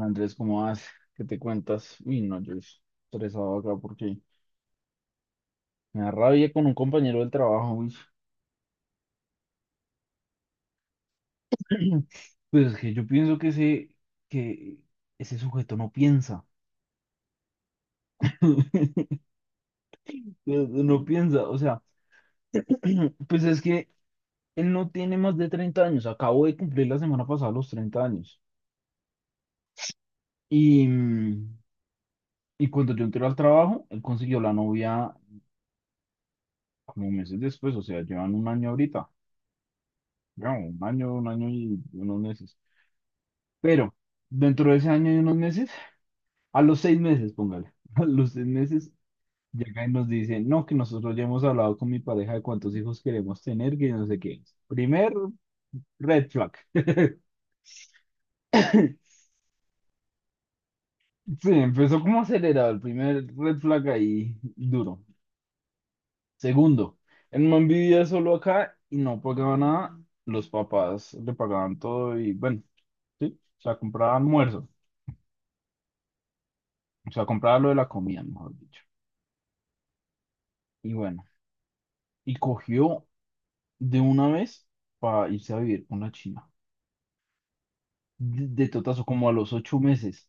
Andrés, ¿cómo vas? ¿Qué te cuentas? Uy, no, yo estresado acá porque me da rabia con un compañero del trabajo. Uy. Pues es que yo pienso que que ese sujeto no piensa. No, no piensa, o sea, pues es que él no tiene más de 30 años. Acabo de cumplir la semana pasada los 30 años. Y, mm, y cuando yo entré al trabajo, él consiguió la novia como meses después, o sea, llevan un año ahorita. Ya, un año y unos meses. Pero dentro de ese año y unos meses, a los 6 meses, póngale, a los 6 meses, llega y nos dice, no, que nosotros ya hemos hablado con mi pareja de cuántos hijos queremos tener, que no sé qué. Primer red flag. Sí, empezó como acelerado, el primer red flag ahí duro. Segundo, el man vivía solo acá y no pagaba nada, los papás le pagaban todo y bueno, sí, o sea, compraba almuerzo, o sea, compraba lo de la comida, mejor dicho. Y bueno, y cogió de una vez para irse a vivir con la China. De totazo, como a los 8 meses.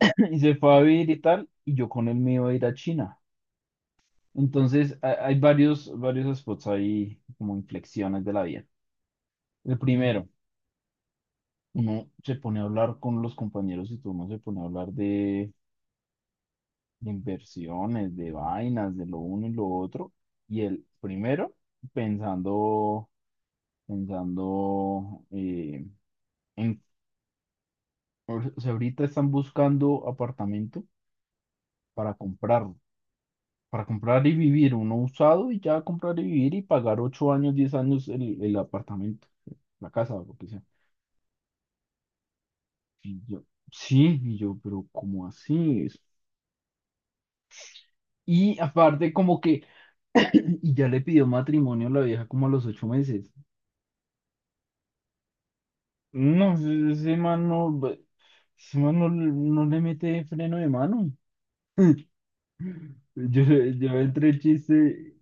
Y se fue a vivir y tal, y yo con él me iba a ir a China. Entonces, hay varios spots ahí, como inflexiones de la vida. El primero, uno se pone a hablar con los compañeros y todo, uno se pone a hablar de inversiones, de vainas, de lo uno y lo otro. Y el primero, pensando, pensando, en O sea, ahorita están buscando apartamento para comprarlo, para comprar y vivir, uno usado y ya comprar y vivir y pagar 8 años, 10 años el apartamento, la casa o lo que sea. Y yo, sí, y yo, pero ¿cómo así es? Y aparte como que, y ya le pidió matrimonio a la vieja como a los 8 meses. No, ese man no, ese man no, no le mete freno de mano. Yo entre el chiste.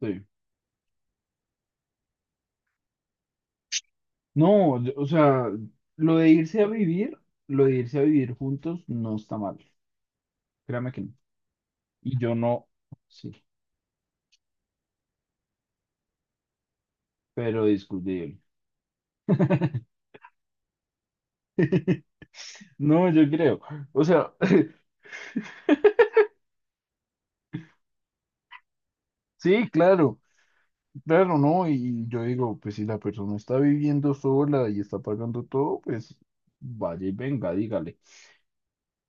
Sí. No, o sea, lo de irse a vivir, lo de irse a vivir juntos no está mal. Créame que no. Y yo no, sí, pero discutible. No, yo creo. O sea, sí, claro, claro, ¿no? Y yo digo, pues si la persona está viviendo sola y está pagando todo, pues vaya y venga, dígale.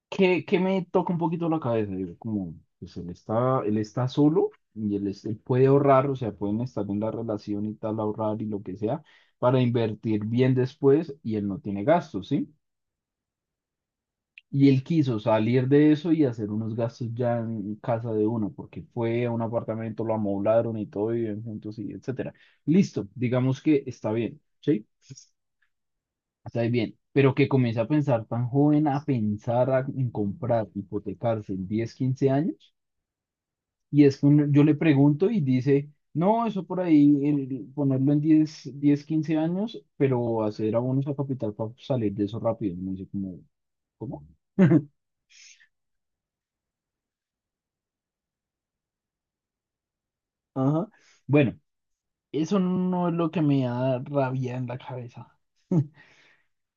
Que me toca un poquito la cabeza, digo, como, pues él está solo y él, él puede ahorrar, o sea, pueden estar en la relación y tal, ahorrar y lo que sea, para invertir bien después y él no tiene gastos, ¿sí? Y él quiso salir de eso y hacer unos gastos ya en casa de uno, porque fue a un apartamento, lo amoblaron y todo, viven juntos y etcétera. Listo, digamos que está bien, ¿sí? Está bien, pero que comience a pensar tan joven, a pensar en comprar, hipotecarse en 10 15 años, y es que uno, yo le pregunto y dice, no, eso por ahí, ponerlo en diez 15 años, pero hacer abonos a capital para salir de eso rápido. No sé cómo, ¿cómo? Ajá. Bueno, eso no es lo que me da rabia en la cabeza.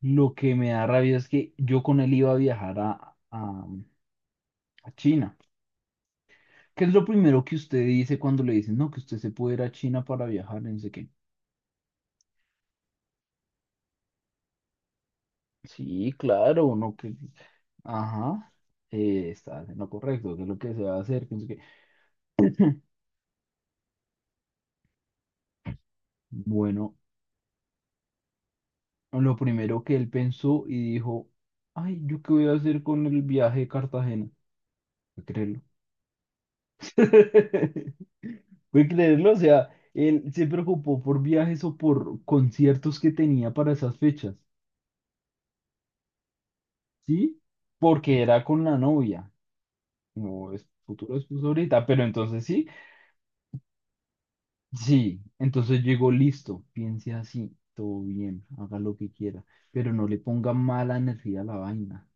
Lo que me da rabia es que yo con él iba a viajar a, a China. ¿Qué es lo primero que usted dice cuando le dicen, no, que usted se puede ir a China para viajar? No sé qué. Sí, claro, no, que... Ajá, está haciendo lo correcto, que es lo que se va a hacer, que no sé qué. Bueno, lo primero que él pensó y dijo, ay, ¿yo qué voy a hacer con el viaje de Cartagena? Puede creerlo. Puede creerlo, o sea, él se preocupó por viajes o por conciertos que tenía para esas fechas, ¿sí? Porque era con la novia. No, es futuro es pues ahorita, pero entonces sí, sí, entonces llegó listo, piense así, todo bien, haga lo que quiera, pero no le ponga mala energía a la vaina,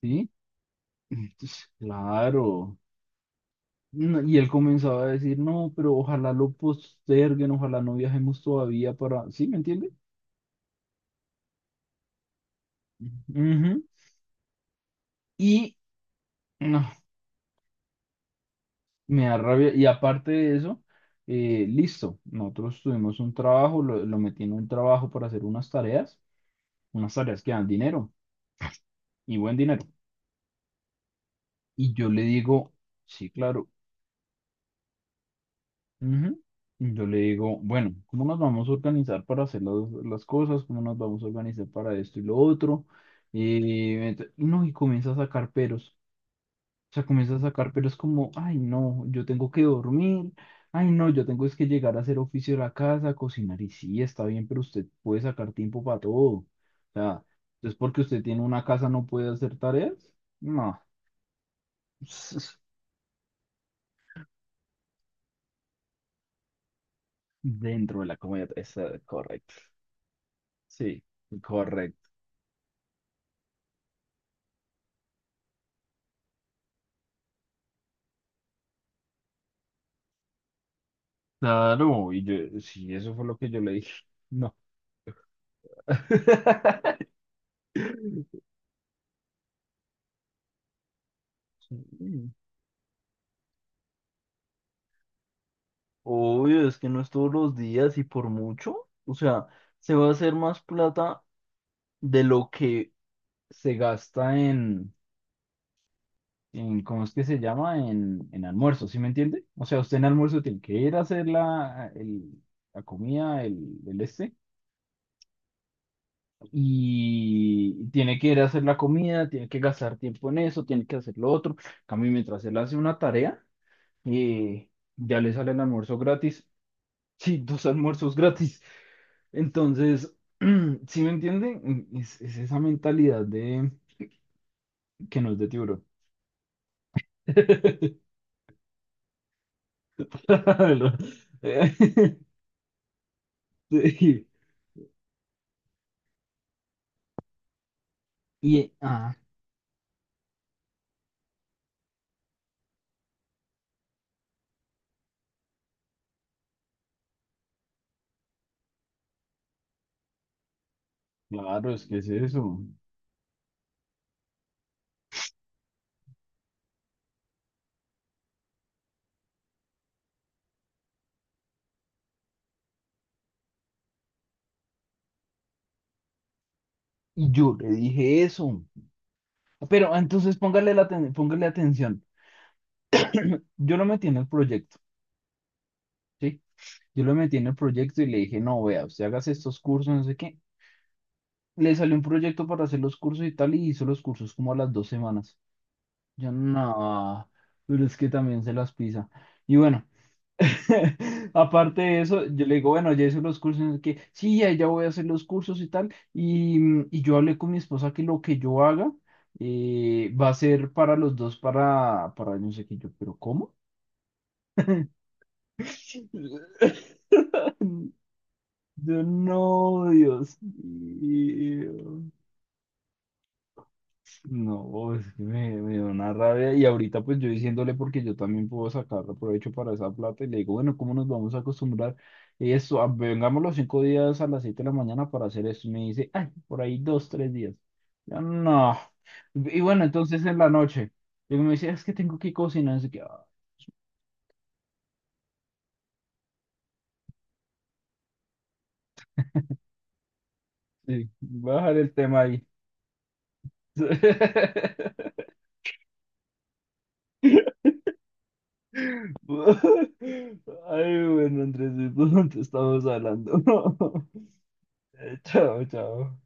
¿sí? Entonces, claro. No, y él comenzaba a decir, no, pero ojalá lo posterguen, ojalá no viajemos todavía para, ¿sí? ¿Me entiende? Ujú. Y no, me da rabia. Y aparte de eso, listo, nosotros tuvimos un trabajo, lo metí en un trabajo para hacer unas tareas. Unas tareas que dan dinero y buen dinero. Y yo le digo, sí, claro. Ujú. Y yo le digo, bueno, ¿cómo nos vamos a organizar para hacer las cosas? ¿Cómo nos vamos a organizar para esto y lo otro? Y no, y comienza a sacar peros. O sea, comienza a sacar peros como, ay, no, yo tengo que dormir. Ay, no, yo tengo es que llegar a hacer oficio de la casa, cocinar. Y sí, está bien, pero usted puede sacar tiempo para todo. O sea, es porque usted tiene una casa, no puede hacer tareas. No. Dentro de la comunidad, está correcto. Sí, correcto. Claro, y yo, sí, eso fue lo que yo le dije. No. Sí. Obvio, es que no es todos los días y por mucho. O sea, se va a hacer más plata de lo que se gasta en, ¿cómo es que se llama? En almuerzo, ¿sí me entiende? O sea, usted en almuerzo tiene que ir a hacer la comida, el este. Y tiene que ir a hacer la comida, tiene que gastar tiempo en eso, tiene que hacer lo otro. En cambio, mientras él hace una tarea, eh, ya le sale el almuerzo gratis. Sí, dos almuerzos gratis. Entonces, ¿si me entienden? Es esa mentalidad de que no es de tiburón. Claro. Eh, Sí. Y, ah, claro, es que es eso. Y yo le dije eso. Pero entonces póngale, póngale atención. Yo lo metí en el proyecto. Sí, yo lo metí en el proyecto y le dije, no, vea, usted hagas estos cursos, no sé qué. Le salió un proyecto para hacer los cursos y tal, y hizo los cursos como a las 2 semanas. Yo, no, pero es que también se las pisa. Y bueno, aparte de eso, yo le digo, bueno, ya hice los cursos, no sé qué. Sí, ya, ya voy a hacer los cursos y tal. Y yo hablé con mi esposa que lo que yo haga va a ser para los dos, para, no sé qué. Yo, pero ¿cómo? Yo, no, Dios mío. No, oh, es que me dio una rabia. Y ahorita pues yo diciéndole porque yo también puedo sacar provecho para esa plata y le digo, bueno, ¿cómo nos vamos a acostumbrar? Y eso, ah, vengamos los 5 días a las 7 de la mañana para hacer esto. Y me dice, ay, por ahí dos, tres días. Yo, no. Y bueno, entonces en la noche, y me dice, "Ah, es que tengo que cocinar. Así que, ah, sí, voy a dejar el tema ahí. Ay, bueno, Andresito, ¿dónde estamos hablando? Chao, chao.